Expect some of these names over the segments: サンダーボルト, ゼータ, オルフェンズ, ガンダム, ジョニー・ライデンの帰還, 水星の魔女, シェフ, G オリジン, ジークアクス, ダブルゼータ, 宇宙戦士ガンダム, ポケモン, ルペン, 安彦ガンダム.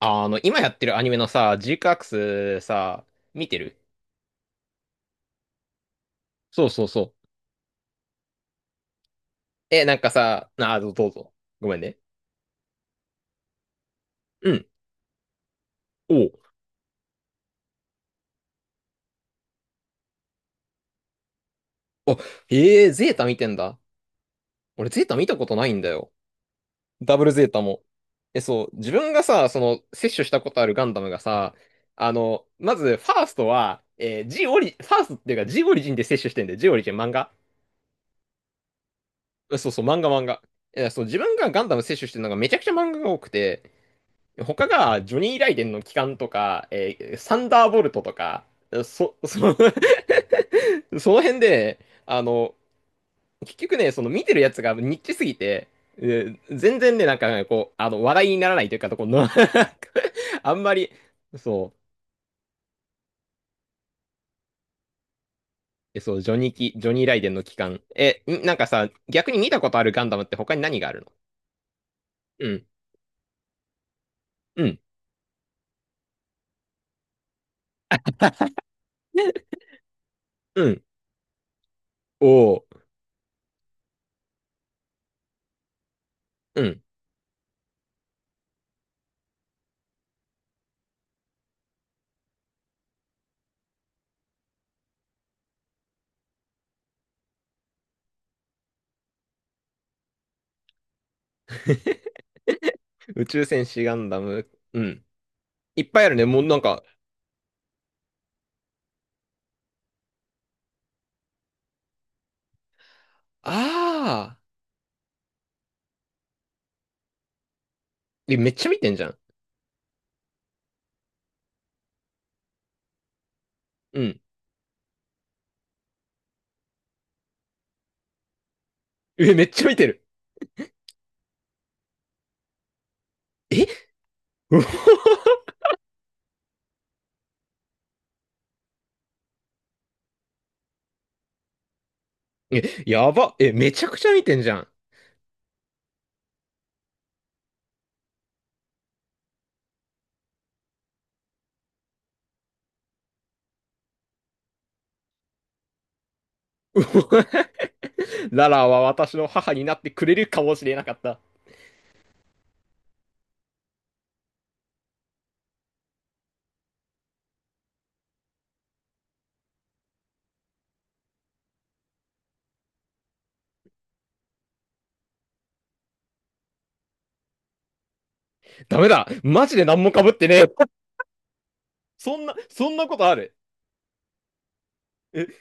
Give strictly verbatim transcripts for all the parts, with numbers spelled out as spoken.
あの、今やってるアニメのさ、ジークアクスさ、見てる。そうそうそう。え、なんかさ、なあ、どどうぞ。ごめんね。うん。おう。あ、へえ、ゼータ見てんだ。俺、ゼータ見たことないんだよ。ダブルゼータも。え、そう、自分がさ、その、摂取したことあるガンダムがさ、あの、まず、ファーストは、えー、G オリ、ファーストっていうか G オリジンで摂取してんだよ。G オリジン漫画。えそうそう、漫画漫画。え、そう、自分がガンダム摂取してるのがめちゃくちゃ漫画が多くて、他が、ジョニー・ライデンの帰還とか、えーサンダーボルトとか、そ、そ、その辺で、あの、結局ね、その見てるやつがニッチすぎて、えー全然ね、なんかね、こう、あの、話題にならないというか、とこの あんまり、そう、えそう、ジョニーキ、ジョニー・ライデンの帰還。え、んなんかさ、逆に見たことあるガンダムって他に何があるの？うん、うん、ね、うん、おー、うん。宇宙戦士ガンダム、うん。いっぱいあるね。もうなんか、ああ。え、めっちゃ見てんじゃん。うん。え、めっちゃ見てる。えうお え、やば。え、めちゃくちゃ見てんじゃん。うお、ララは私の母になってくれるかもしれなかった。ダメだ。マジで何も被ってねえ。そんな、そんなことある？え、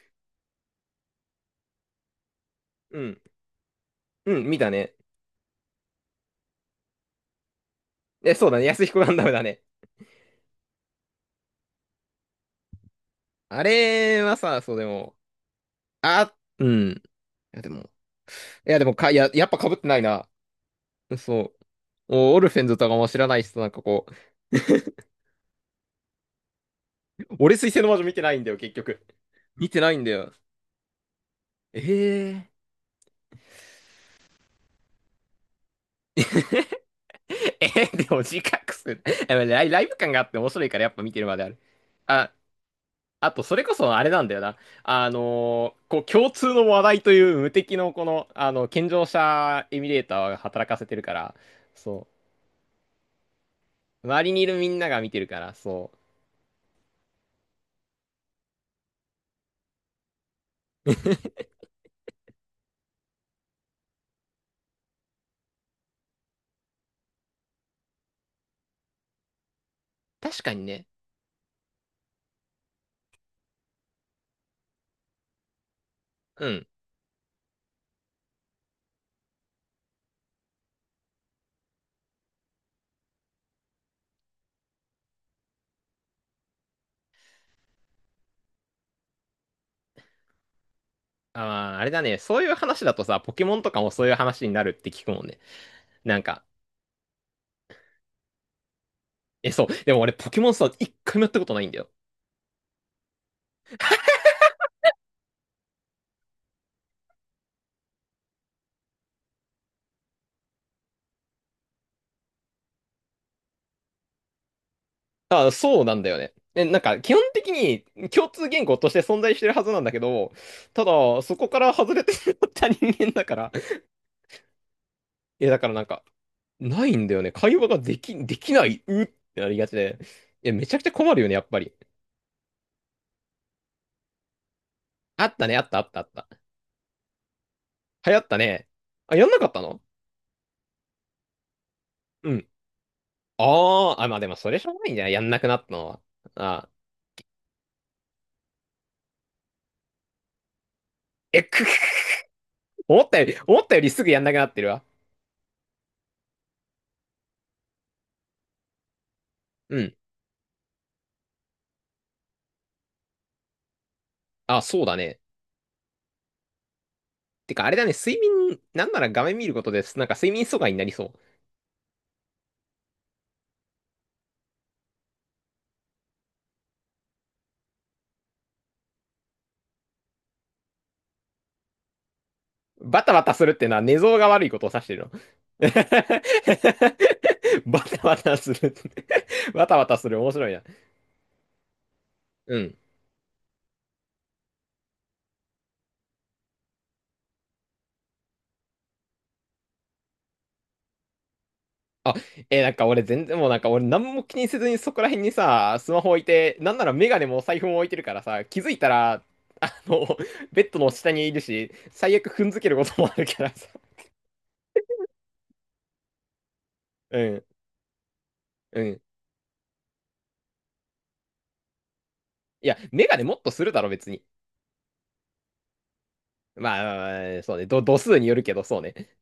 うん。うん、見たね。え、そうだね。安彦ガンダムだね。あれはさ、そうでも、あ、うん。いやでも、いやでもか、いや、やっぱ被ってないな。そう。おオルフェンズとかも知らない人なんかこう俺水星の魔女見てないんだよ、結局。見てないんだよ。ええー。えー、でも自覚する。やっぱライライブ感があって面白いからやっぱ見てるまである。あ、あとそれこそあれなんだよな。あのーこう共通の話題という無敵のこの、あの、健常者エミュレーターが働かせてるから、そう。周りにいるみんなが見てるから、そう。確かにね。うん。あー、あれだね。そういう話だとさ、ポケモンとかもそういう話になるって聞くもんね。なんか、え、そう。でも俺ポケモンさ、一回もやったことないんだよ。あ、そうなんだよね。え、なんか、基本的に共通言語として存在してるはずなんだけど、ただ、そこから外れてしまった人間だから、いや、だからなんか、ないんだよね。会話ができ、できない、うってなりがちで。いや、めちゃくちゃ困るよね、やっぱり。あったね、あった、あった、あった。流行ったね。あ、やんなかったの？うん。あー、あ、まあでも、それしょうがないんじゃない？やんなくなったのは。あー、え、く、思ったより、思ったよりすぐやんなくなってるわ。うん。あ、そうだね。てか、あれだね、睡眠、なんなら画面見ることです。なんか睡眠阻害になりそう。バタバタするってのは寝相が悪いことを指してるの？バタバタする。バタバタする。面白いな。うん。あ、えーなんか俺全然もうなんか俺何も気にせずにそこら辺にさ、スマホ置いて、なんならメガネもお財布も置いてるからさ、気づいたら、あの、ベッドの下にいるし、最悪踏んづけることもあるからさ。うん、うん。いや、メガネもっとするだろ、別に。まあ、そうね。ど度数によるけど、そうね。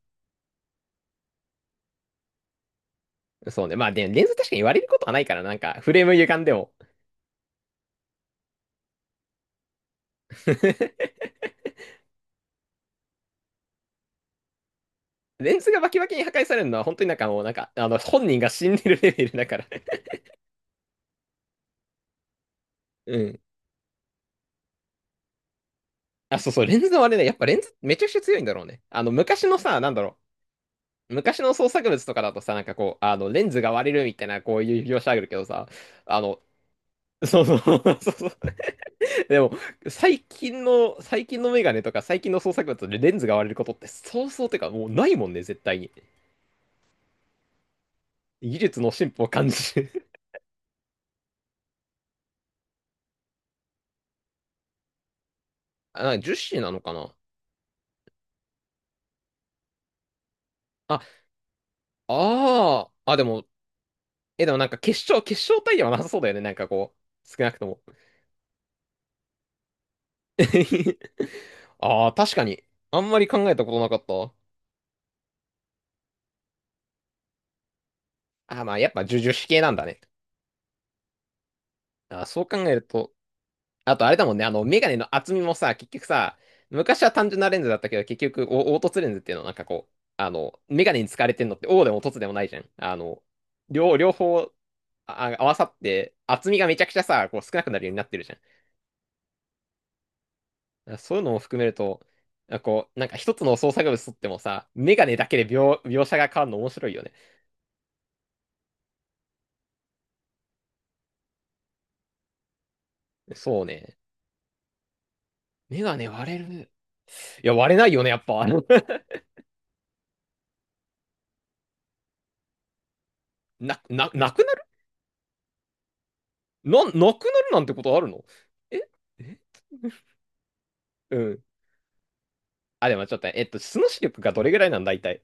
そうね。まあ、で、レンズ確かに割れることはないから、なんか、フレーム歪んでも。レンズがバキバキに破壊されるのは、本当になんかもう、なんか、あの、本人が死んでるレベルだから。うん。あ、そうそう、レンズの割れね。やっぱレンズめちゃくちゃ強いんだろうね。あの、昔のさ、なんだろう。昔の創作物とかだとさ、なんかこう、あの、レンズが割れるみたいな、こういう描写あるけどさ、あの、そうそう。 そうそう。でも、最近の、最近のメガネとか最近の創作物でレンズが割れることって、そうそう、てか、もうないもんね、絶対に。技術の進歩を感じる。あ、なんか樹脂なのかな？あ、ああ、あ、でも、え、でもなんか結晶、結晶体ではなさそうだよね。なんかこう、少なくとも。ああ、確かに。あんまり考えたことなかった。あー、まあやっぱ樹樹脂系なんだね。あー、そう考えると、あとあれだもんね、あの、メガネの厚みもさ、結局さ、昔は単純なレンズだったけど、結局、お凹凸レンズっていうのはなんかこう、あの、メガネに使われてんのって、O でも凸でもないじゃん。あの、両、両方あ合わさって、厚みがめちゃくちゃさ、こう少なくなるようになってるじゃん。そういうのも含めると、なんかこう、なんか一つの創作物とってもさ、メガネだけで描、描写が変わるの面白いよね。そうね。メガネ割れる。いや、割れないよね、やっぱ。な、な、なくなる？な、なくなるなんてことあるの？ええ、うん。あ、でもちょっとね、えっと、素の視力がどれぐらいなんだ、いたい？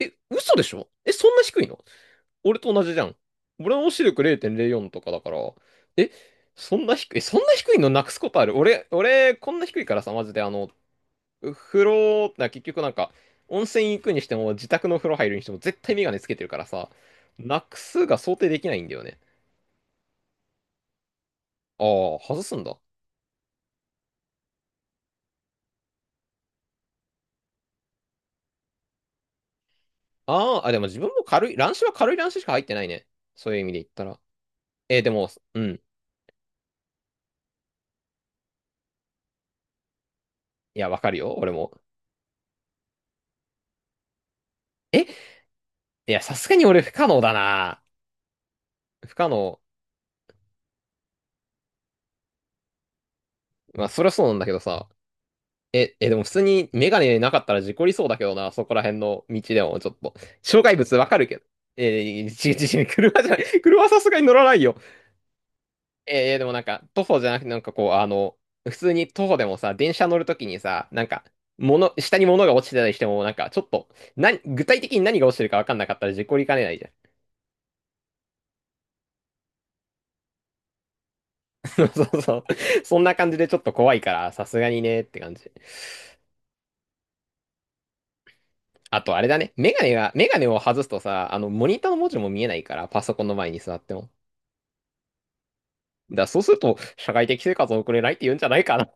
え、嘘でしょ？え、そんな低いの？俺と同じじゃん。俺の視力れいてんれいよんとかだから、え、そんな低い、えそんな低いのなくすことある？俺、俺、こんな低いからさ、マジで、あの、風呂、な、結局なんか、温泉行くにしても、自宅の風呂入るにしても、絶対メガネつけてるからさ、なくすが想定できないんだよね。ああ、外すんだ。あーあ、でも自分も軽い、乱視は軽い乱視しか入ってないね。そういう意味で言ったら。えーでも、うん。いや、わかるよ、俺も。え、いや、さすがに俺不可能だな。不可能。まあ、そりゃそうなんだけどさ。え、え、でも普通にメガネなかったら事故りそうだけどな、そこら辺の道でもちょっと。障害物わかるけど。えー、ち、違う違う、車じゃない。車はさすがに乗らないよ。えー、でもなんか、徒歩じゃなくて、なんかこう、あの、普通に徒歩でもさ、電車乗るときにさ、なんか、物、下に物が落ちてたりしても、なんか、ちょっと、な、具体的に何が落ちてるかわかんなかったら事故りかねないじゃん。そうそう。そんな感じでちょっと怖いから、さすがにねって感じ。あとあれだね。メガネが、メガネを外すとさ、あの、モニターの文字も見えないから、パソコンの前に座っても。だからそうすると、社会的生活を送れないって言うんじゃないかな。